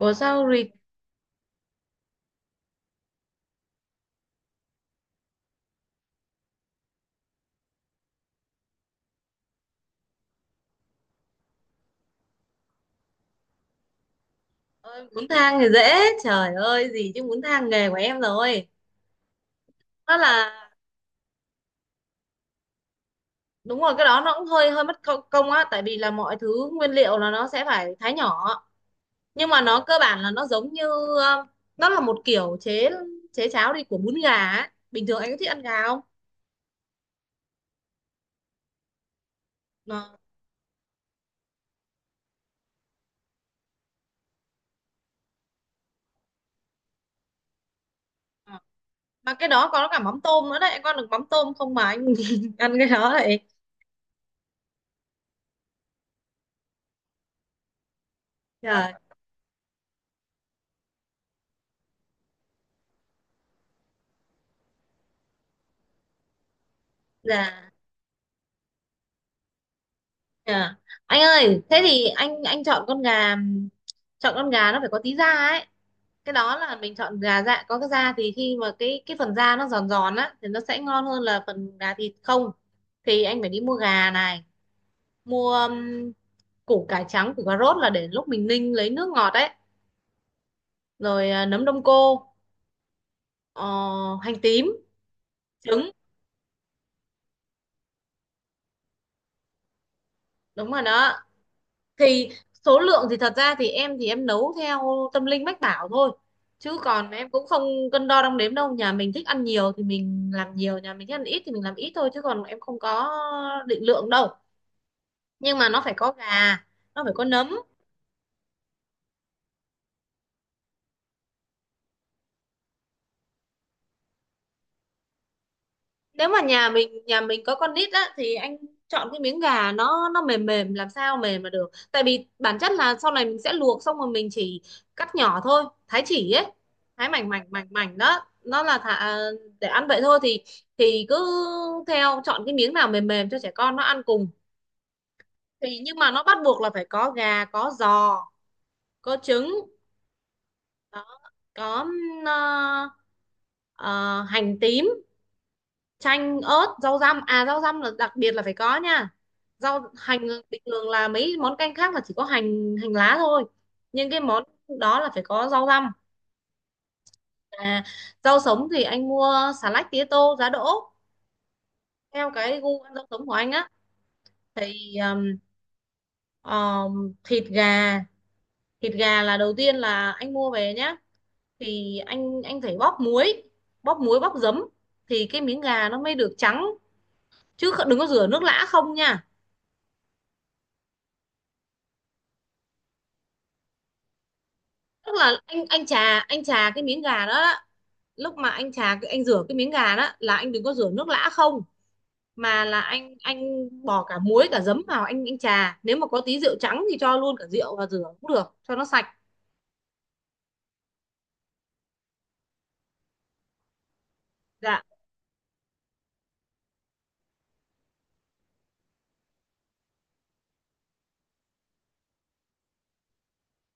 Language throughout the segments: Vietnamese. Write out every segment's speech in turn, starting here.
Ủa sao rịt ơi, muốn thang thì dễ. Trời ơi, gì chứ muốn thang nghề của em rồi. Đó là đúng rồi, cái đó nó cũng hơi hơi mất công công á, tại vì là mọi thứ nguyên liệu là nó sẽ phải thái nhỏ, nhưng mà nó cơ bản là nó giống như ờ, nó là một kiểu chế chế cháo đi của bún gà á. Bình thường anh có thích ăn gà không? Nó- mà cái đó có cả mắm tôm nữa đấy, anh có được mắm tôm không mà anh ăn cái đó vậy? Trời, dạ. Dạ. Anh ơi, thế thì anh chọn con gà, chọn con gà nó phải có tí da ấy. Cái đó là mình chọn gà, dạ có cái da thì khi mà cái phần da nó giòn giòn á thì nó sẽ ngon hơn là phần gà thịt không. Thì anh phải đi mua gà này, mua củ cải trắng, củ cà rốt là để lúc mình ninh lấy nước ngọt ấy, rồi à, nấm đông cô, ờ, hành tím, trứng, đúng rồi đó. Thì số lượng thì thật ra thì em, thì em nấu theo tâm linh mách bảo thôi, chứ còn em cũng không cân đo đong đếm đâu. Nhà mình thích ăn nhiều thì mình làm nhiều, nhà mình thích ăn ít thì mình làm ít thôi, chứ còn em không có định lượng đâu. Nhưng mà nó phải có gà, nó phải có nấm. Nếu mà nhà mình có con nít á thì anh chọn cái miếng gà nó mềm mềm, làm sao mềm mà được, tại vì bản chất là sau này mình sẽ luộc xong rồi mình chỉ cắt nhỏ thôi, thái chỉ ấy, thái mảnh mảnh mảnh mảnh đó, nó là thả, để ăn vậy thôi. Thì cứ theo chọn cái miếng nào mềm mềm cho trẻ con nó ăn cùng. Thì nhưng mà nó bắt buộc là phải có gà, có giò, có trứng. Đó, có hành tím, chanh, ớt, rau răm, à rau răm là đặc biệt là phải có nha. Rau hành bình thường là mấy món canh khác là chỉ có hành hành lá thôi, nhưng cái món đó là phải có rau răm. À, rau sống thì anh mua xà lách, tía tô, giá đỗ, theo cái gu ăn rau sống của anh á. Thì thịt gà, thịt gà là đầu tiên là anh mua về nhá, thì anh phải bóp muối, bóp muối bóp giấm, thì cái miếng gà nó mới được trắng, chứ đừng có rửa nước lã không nha. Tức là anh chà, anh chà cái miếng gà đó á, lúc mà anh chà cái, anh rửa cái miếng gà đó là anh đừng có rửa nước lã không, mà là anh bỏ cả muối cả giấm vào, anh chà, nếu mà có tí rượu trắng thì cho luôn cả rượu và rửa cũng được cho nó sạch. Dạ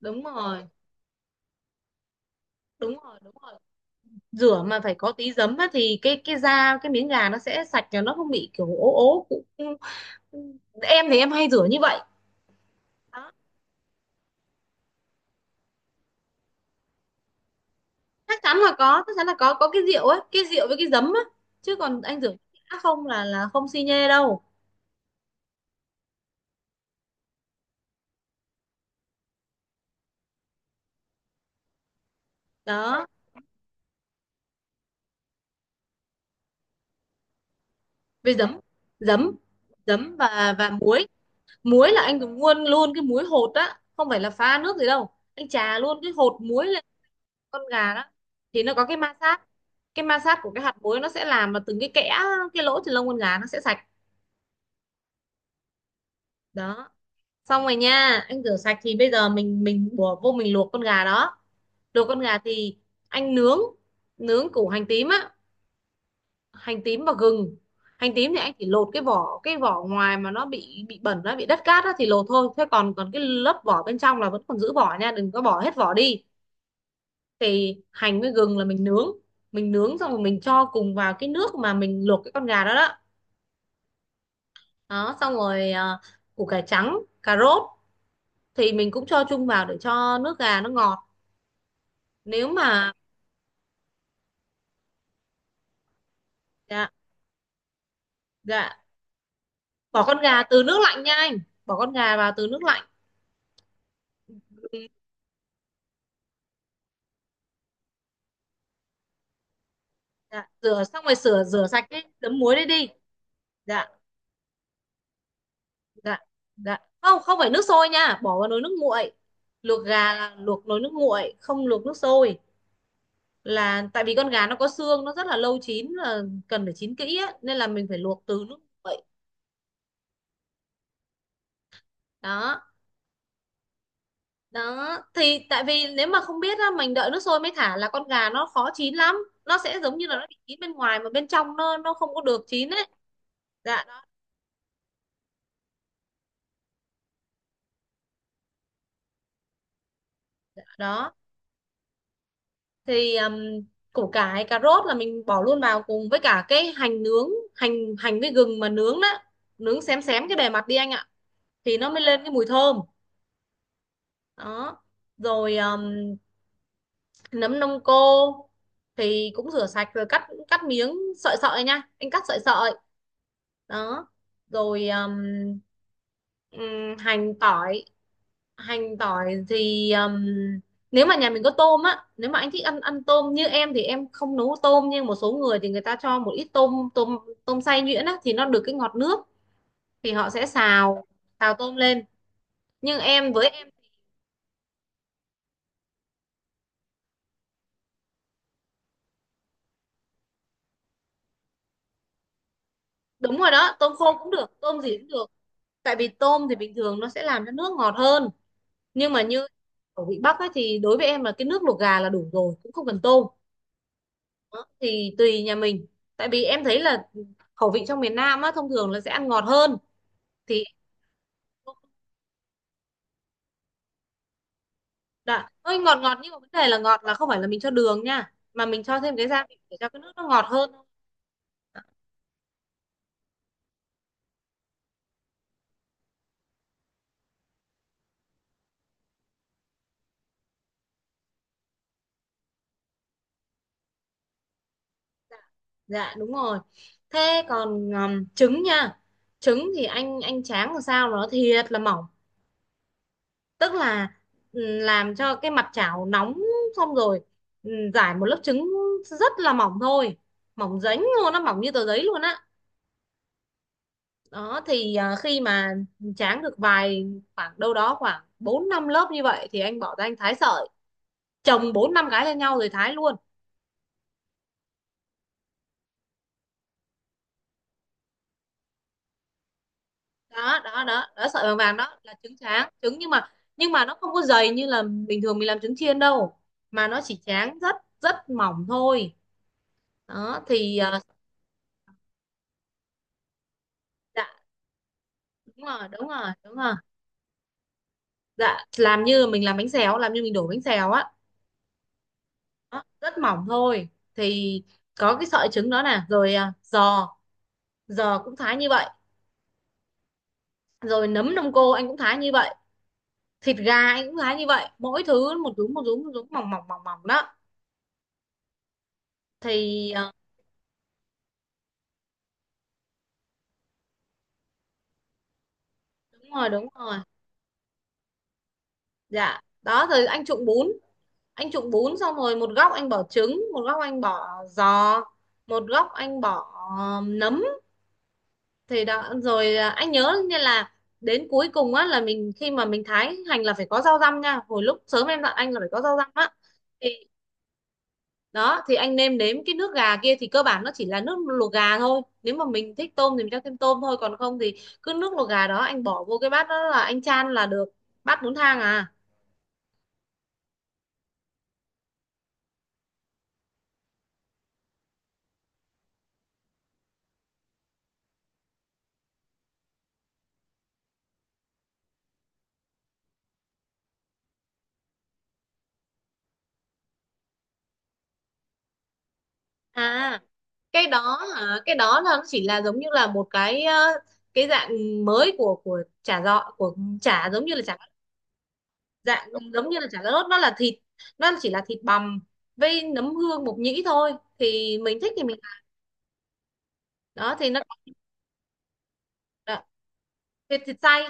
đúng rồi, đúng rồi đúng rồi. Rửa mà phải có tí giấm á, thì cái da, cái miếng gà nó sẽ sạch cho nó không bị kiểu ố ố cũng. Em thì em hay rửa như vậy. Chắc chắn là có, chắc chắn là có cái rượu ấy, cái rượu với cái giấm á, chứ còn anh rửa khác không là là không xi nhê đâu. Đó, với giấm, giấm giấm và muối. Muối là anh dùng luôn luôn cái muối hột á, không phải là pha nước gì đâu, anh chà luôn cái hột muối lên con gà đó, thì nó có cái ma sát, cái ma sát của cái hạt muối nó sẽ làm là từng cái kẽ, cái lỗ trên lông con gà nó sẽ sạch. Đó xong rồi nha, anh rửa sạch thì bây giờ mình bỏ vô mình luộc con gà đó. Đồ con gà thì anh nướng, nướng củ hành tím á, hành tím và gừng. Hành tím thì anh chỉ lột cái vỏ, cái vỏ ngoài mà nó bị bẩn, nó bị đất cát á thì lột thôi, thế còn còn cái lớp vỏ bên trong là vẫn còn giữ vỏ nha, đừng có bỏ hết vỏ đi. Thì hành với gừng là mình nướng, mình nướng xong rồi mình cho cùng vào cái nước mà mình luộc cái con gà đó đó. Đó xong rồi à, củ cải trắng, cà rốt thì mình cũng cho chung vào để cho nước gà nó ngọt. Nếu mà gà, gà bỏ con gà từ nước lạnh nha anh, bỏ con gà vào từ nước lạnh. Dạ rửa xong rồi, sửa rửa sạch cái đấm muối đấy đi. Dạ dạ dạ. Không, không phải nước sôi nha, bỏ vào nồi nước nguội. Luộc gà là luộc nồi nước nguội, không luộc nước sôi. Là tại vì con gà nó có xương, nó rất là lâu chín, là cần phải chín kỹ á, nên là mình phải luộc từ nước nguội. Đó đó, thì tại vì nếu mà không biết á, mình đợi nước sôi mới thả là con gà nó khó chín lắm, nó sẽ giống như là nó bị chín bên ngoài mà bên trong nó không có được chín ấy. Dạ đó thì củ cải cà rốt là mình bỏ luôn vào cùng với cả cái hành nướng, hành hành với gừng mà nướng đó, nướng xém xém cái bề mặt đi anh ạ, thì nó mới lên cái mùi thơm. Đó rồi nấm đông cô thì cũng rửa sạch rồi cắt cắt miếng, sợi sợi nha anh, cắt sợi sợi. Đó rồi hành tỏi, hành tỏi thì nếu mà nhà mình có tôm á, nếu mà anh thích ăn, ăn tôm. Như em thì em không nấu tôm, nhưng một số người thì người ta cho một ít tôm, tôm xay nhuyễn á thì nó được cái ngọt nước, thì họ sẽ xào, xào tôm lên. Nhưng em với em, đúng rồi đó, tôm khô cũng được, tôm gì cũng được, tại vì tôm thì bình thường nó sẽ làm cho nước ngọt hơn. Nhưng mà như ở vị Bắc ấy thì đối với em là cái nước luộc gà là đủ rồi, cũng không cần tôm, thì tùy nhà mình. Tại vì em thấy là khẩu vị trong miền Nam á thông thường là sẽ ăn ngọt hơn. Thì đã hơi ngọt ngọt, nhưng mà vấn đề là ngọt là không phải là mình cho đường nha, mà mình cho thêm cái gia vị để cho cái nước nó ngọt hơn. Dạ, dạ đúng rồi. Thế còn trứng nha, trứng thì anh tráng làm sao nó thiệt là mỏng, tức là ừ, làm cho cái mặt chảo nóng, xong rồi ừ, rải một lớp trứng rất là mỏng thôi, mỏng dính luôn, nó mỏng như tờ giấy luôn á. Đó thì à, khi mà tráng được vài, khoảng đâu đó khoảng 4 5 lớp như vậy thì anh bỏ ra anh thái sợi, chồng 4 5 cái lên nhau rồi thái luôn. Đó đó đó đó, sợi vàng vàng đó là trứng, tráng trứng, nhưng mà nó không có dày như là bình thường mình làm trứng chiên đâu, mà nó chỉ tráng rất, rất mỏng thôi. Đó thì à, dạ đúng rồi, đúng rồi đúng rồi. Dạ làm như mình làm bánh xèo, làm như mình đổ bánh xèo á, đó, rất mỏng thôi. Thì có cái sợi trứng đó nè, rồi à, giò, giò cũng thái như vậy, rồi nấm đông cô anh cũng thái như vậy, thịt gà anh cũng thái như vậy, mỗi thứ một nhúm, một nhúm một nhúm, mỏng mỏng mỏng mỏng đó. Thì ờ, đúng rồi đúng rồi. Dạ đó, rồi anh trụng bún, anh trụng bún xong rồi một góc anh bỏ trứng, một góc anh bỏ giò, một góc anh bỏ nấm. Thì đó rồi ờ, anh nhớ như là đến cuối cùng á là mình, khi mà mình thái hành là phải có rau răm nha, hồi lúc sớm em dặn anh là phải có rau răm á. Đó thì anh nêm nếm cái nước gà kia, thì cơ bản nó chỉ là nước luộc gà thôi, nếu mà mình thích tôm thì mình cho thêm tôm thôi, còn không thì cứ nước luộc gà đó anh bỏ vô cái bát, đó là anh chan là được bát bún thang. À à, cái đó hả? Cái đó là nó chỉ là giống như là một cái ờ, cái dạng mới của chả giò, của chả, giống như là chả, dạng giống như là chả lót, nó là thịt, nó chỉ là thịt bằm với nấm hương, mộc nhĩ thôi, thì mình thích thì mình ăn. Đó thì nó, đó, thịt thịt xay,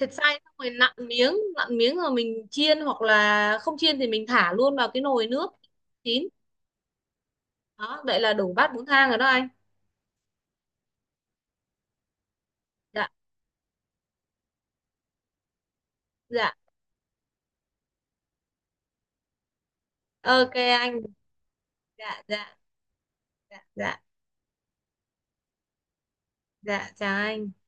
thịt xay xong rồi nặn miếng, nặn miếng rồi mình chiên, hoặc là không chiên thì mình thả luôn vào cái nồi nước chín. Đó vậy là đủ bát bún thang rồi đó anh. Dạ dạ, ok anh. Dạ dạ. Dạ dạ dạ chào anh.